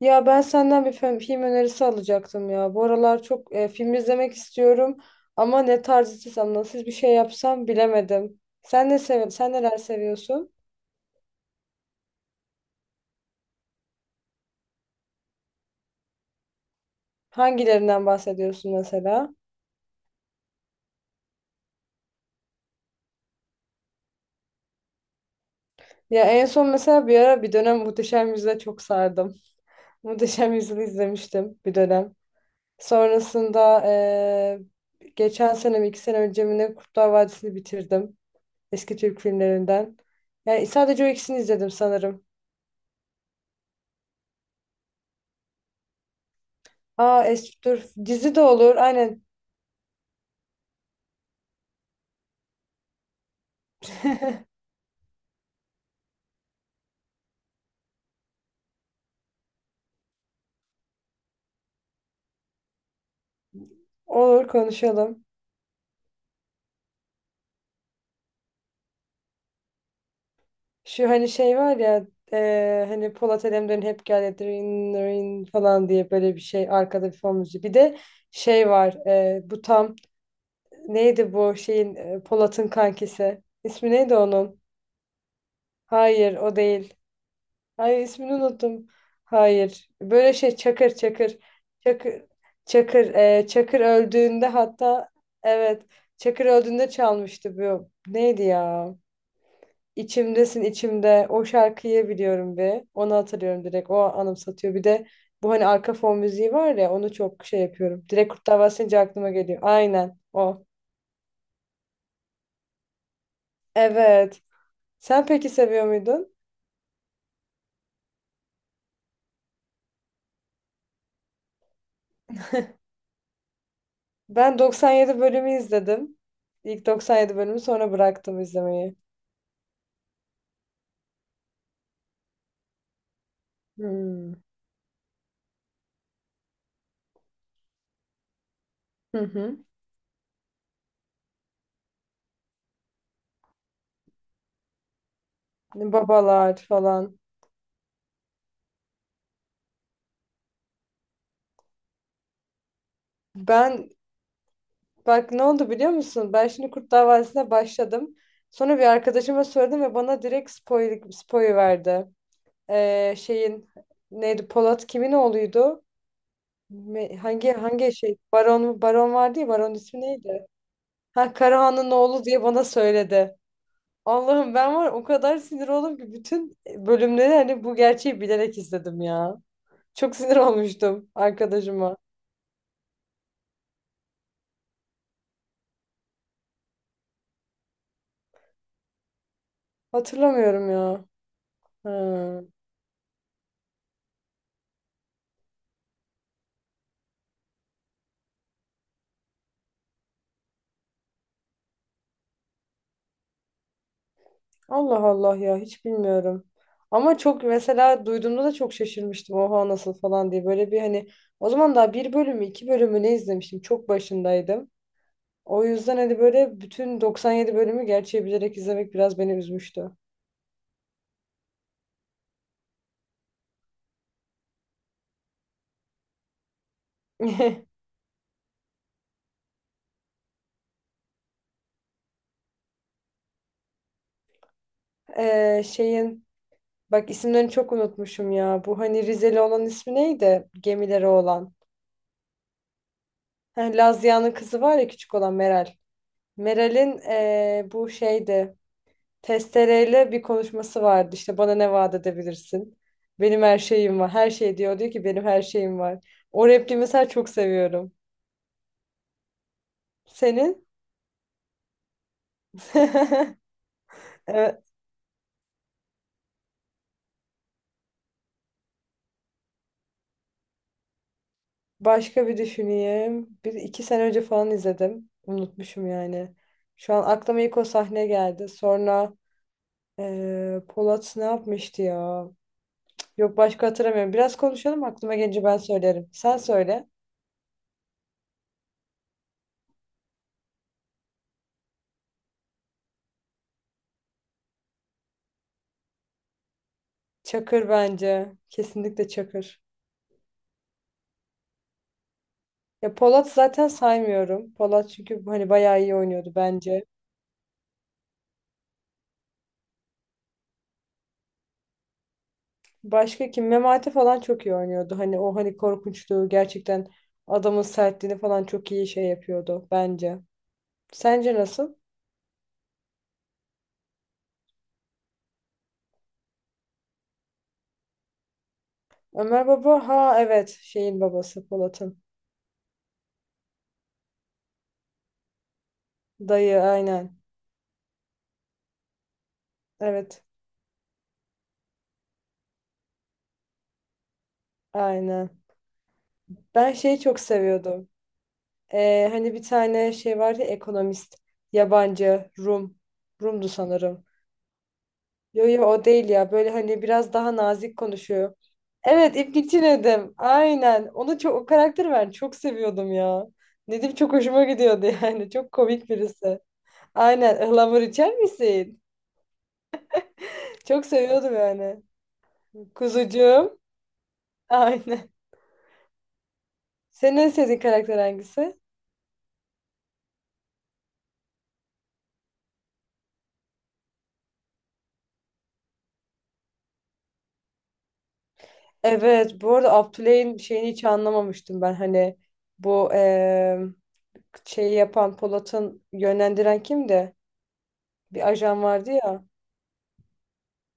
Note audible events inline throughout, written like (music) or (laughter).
Ya ben senden bir film, film önerisi alacaktım ya. Bu aralar çok film izlemek istiyorum ama ne tarz istesem, nasıl bir şey yapsam bilemedim. Sen neler seviyorsun? Hangilerinden bahsediyorsun mesela? Ya en son mesela bir ara bir dönem Muhteşem Yüzyıl'e çok sardım. (laughs) Muhteşem Yüzyıl'ı izlemiştim bir dönem. Sonrasında geçen sene mi iki sene önce mi ne Kurtlar Vadisi'ni bitirdim. Eski Türk filmlerinden. Yani sadece o ikisini izledim sanırım. Aa es dur, dizi de olur aynen. (laughs) Olur, konuşalım. Şu hani şey var ya, hani Polat Alemdar'ın hep gel dırın, dırın falan diye böyle bir şey arkada bir fon müziği. Bir de şey var, bu tam neydi bu şeyin, Polat'ın kankisi. İsmi neydi onun? Hayır, o değil. Ay, ismini unuttum. Hayır. Böyle şey, Çakır. Çakır Çakır Çakır öldüğünde hatta evet, Çakır öldüğünde çalmıştı bu. Neydi ya? İçimdesin içimde. O şarkıyı biliyorum bir. Onu hatırlıyorum direkt. O anımsatıyor. Bir de bu hani arka fon müziği var ya, onu çok şey yapıyorum. Direkt Kurtlar Vadisi deyince aklıma geliyor. Aynen o. Evet. Sen peki seviyor muydun? Ben 97 bölümü izledim. İlk 97 bölümü sonra bıraktım izlemeyi. Hmm. Hı hı. Babalar falan. Ben, bak ne oldu biliyor musun? Ben şimdi Kurt Davası'na başladım. Sonra bir arkadaşıma sordum ve bana direkt spoil verdi. Şeyin neydi? Polat kimin oğluydu? Me- Hangi şey? Baron mu? Baron vardı ya. Baron ismi neydi? Ha, Karahan'ın oğlu diye bana söyledi. Allah'ım, ben var o kadar sinir oldum ki bütün bölümleri hani bu gerçeği bilerek izledim ya. Çok sinir (laughs) olmuştum arkadaşıma. Hatırlamıyorum ya. Ha. Allah Allah ya, hiç bilmiyorum. Ama çok mesela duyduğumda da çok şaşırmıştım. Oha, nasıl falan diye. Böyle bir hani o zaman daha bir bölümü iki bölümü ne izlemiştim. Çok başındaydım. O yüzden hani böyle bütün 97 bölümü gerçeği bilerek izlemek biraz beni üzmüştü. (laughs) Şeyin, bak isimlerini çok unutmuşum ya. Bu hani Rizeli olan ismi neydi? Gemileri olan. Heh, Lazia'nın kızı var ya, küçük olan Meral. Meral'in, bu şeydi. Testereyle bir konuşması vardı. İşte bana ne vaat edebilirsin? Benim her şeyim var. Her şey, diyor. Diyor ki benim her şeyim var. O repliği mesela çok seviyorum. Senin? (laughs) Evet, başka bir düşüneyim. Bir iki sene önce falan izledim. Unutmuşum yani. Şu an aklıma ilk o sahne geldi. Sonra Polat ne yapmıştı ya? Yok, başka hatırlamıyorum. Biraz konuşalım, aklıma gelince ben söylerim. Sen söyle. Çakır bence. Kesinlikle Çakır. Ya Polat zaten saymıyorum. Polat çünkü hani bayağı iyi oynuyordu bence. Başka kim? Memati falan çok iyi oynuyordu. Hani o hani korkunçluğu, gerçekten adamın sertliğini falan çok iyi şey yapıyordu bence. Sence nasıl? Ömer Baba, ha evet, şeyin babası, Polat'ın. Dayı, aynen. Evet, aynen. Ben şeyi çok seviyordum. Hani bir tane şey vardı ya, ekonomist. Yabancı Rum. Rum'du sanırım. Yo yo, o değil ya. Böyle hani biraz daha nazik konuşuyor. Evet, İpekçi Nedim. Aynen. Onu çok, o karakteri ben çok seviyordum ya. Nedim çok hoşuma gidiyordu (laughs) yani. Çok komik birisi. Aynen. Ihlamur içer misin? (laughs) Çok seviyordum yani. Kuzucuğum. (laughs) Aynen. Senin en sevdiğin karakter hangisi? Evet. Bu arada Abdüley'in şeyini hiç anlamamıştım ben. Hani bu şeyi yapan, Polat'ın yönlendiren kimdi? Bir ajan vardı ya.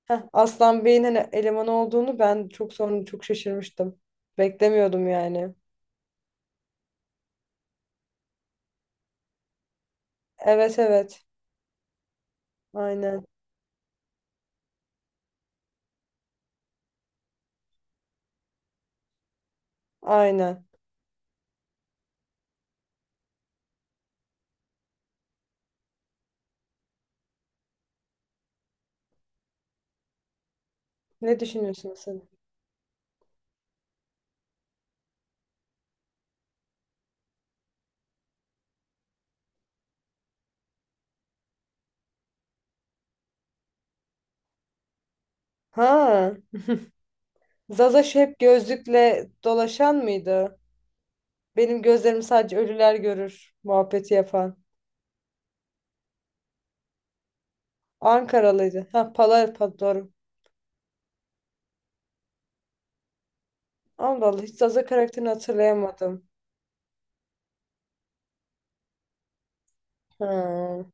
Heh, Aslan Bey'in hani eleman olduğunu ben çok sonra çok şaşırmıştım. Beklemiyordum yani. Evet evet. Aynen. Aynen. Ne düşünüyorsun sen? Ha. Zaza şu hep gözlükle dolaşan mıydı? Benim gözlerim sadece ölüler görür muhabbeti yapan. Ankaralıydı. Ha, Pala, pa- doğru. Allah Allah, hiç Zaza karakterini hatırlayamadım. Ha.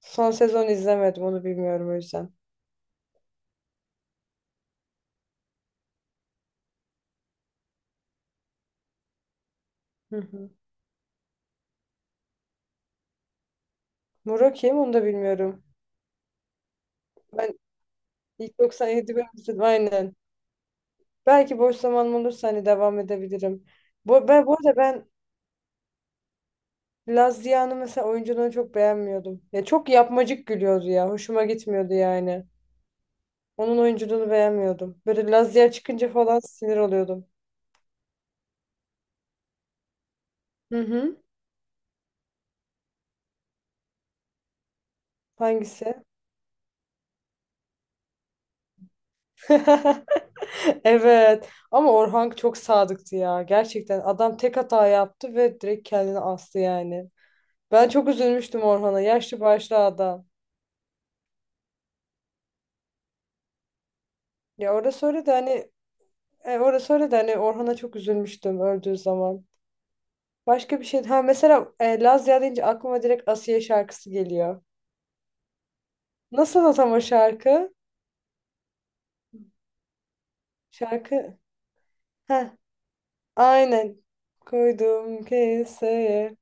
Son sezon izlemedim, onu bilmiyorum o yüzden. Hı hı. Muro kim, onu da bilmiyorum. Ben İlk 97 bölüm izledim aynen. Belki boş zamanım olursa hani devam edebilirim. Bu arada ben Laz Ziya'nın mesela oyunculuğunu çok beğenmiyordum. Ya çok yapmacık gülüyordu ya. Hoşuma gitmiyordu yani. Onun oyunculuğunu beğenmiyordum. Böyle Laz Ziya çıkınca falan sinir oluyordum. Hı hı. Hangisi? (laughs) Evet. Ama Orhan çok sadıktı ya. Gerçekten adam tek hata yaptı ve direkt kendini astı yani. Ben çok üzülmüştüm Orhan'a. Yaşlı başlı adam. Ya, orada söyle de hani, e, orası öyle de hani Orhan'a çok üzülmüştüm öldüğü zaman. Başka bir şey. Ha mesela, Lazya deyince aklıma direkt Asiye şarkısı geliyor. Nasıl o tam o şarkı? Şarkı. Ha, aynen. Koydum keseye.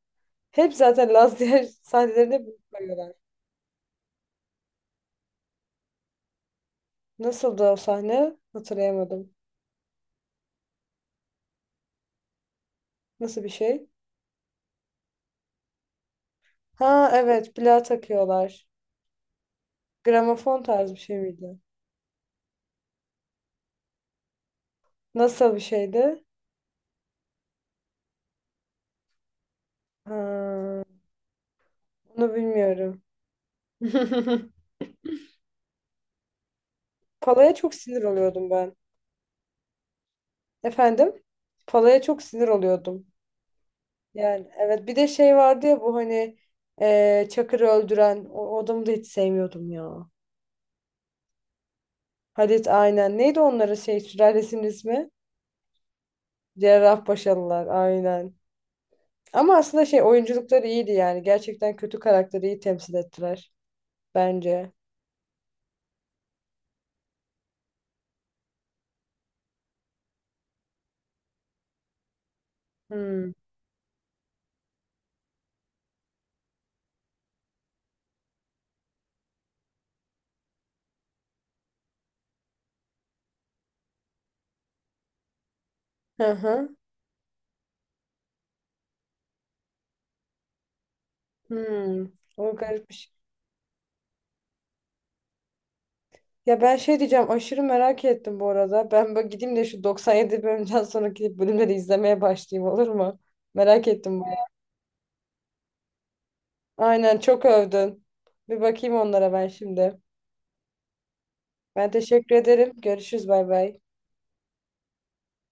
Hep zaten Lazya (laughs) sahnelerinde bunu koyuyorlar. Nasıldı o sahne? Hatırlayamadım. Nasıl bir şey? Ha evet, plağa takıyorlar. Gramofon tarzı bir şey miydi? Nasıl bir şeydi? Ha, onu bilmiyorum. (laughs) Palaya çok sinir oluyordum ben. Efendim? Palaya çok sinir oluyordum. Yani evet, bir de şey vardı ya bu hani Çakır'ı öldüren o, o adamı da hiç sevmiyordum ya. Halit, aynen. Neydi onların şey sülalesinin ismi? Cerrahpaşalılar, aynen. Ama aslında şey, oyunculukları iyiydi yani. Gerçekten kötü karakteri iyi temsil ettiler bence. Hmm. Hı hı. Hmm. O garip. Ya ben şey diyeceğim, aşırı merak ettim bu arada. Ben böyle gideyim de şu 97 bölümden sonraki bölümleri izlemeye başlayayım, olur mu? Merak ettim bu. Aynen, çok övdün. Bir bakayım onlara ben şimdi. Ben teşekkür ederim. Görüşürüz, bay bay.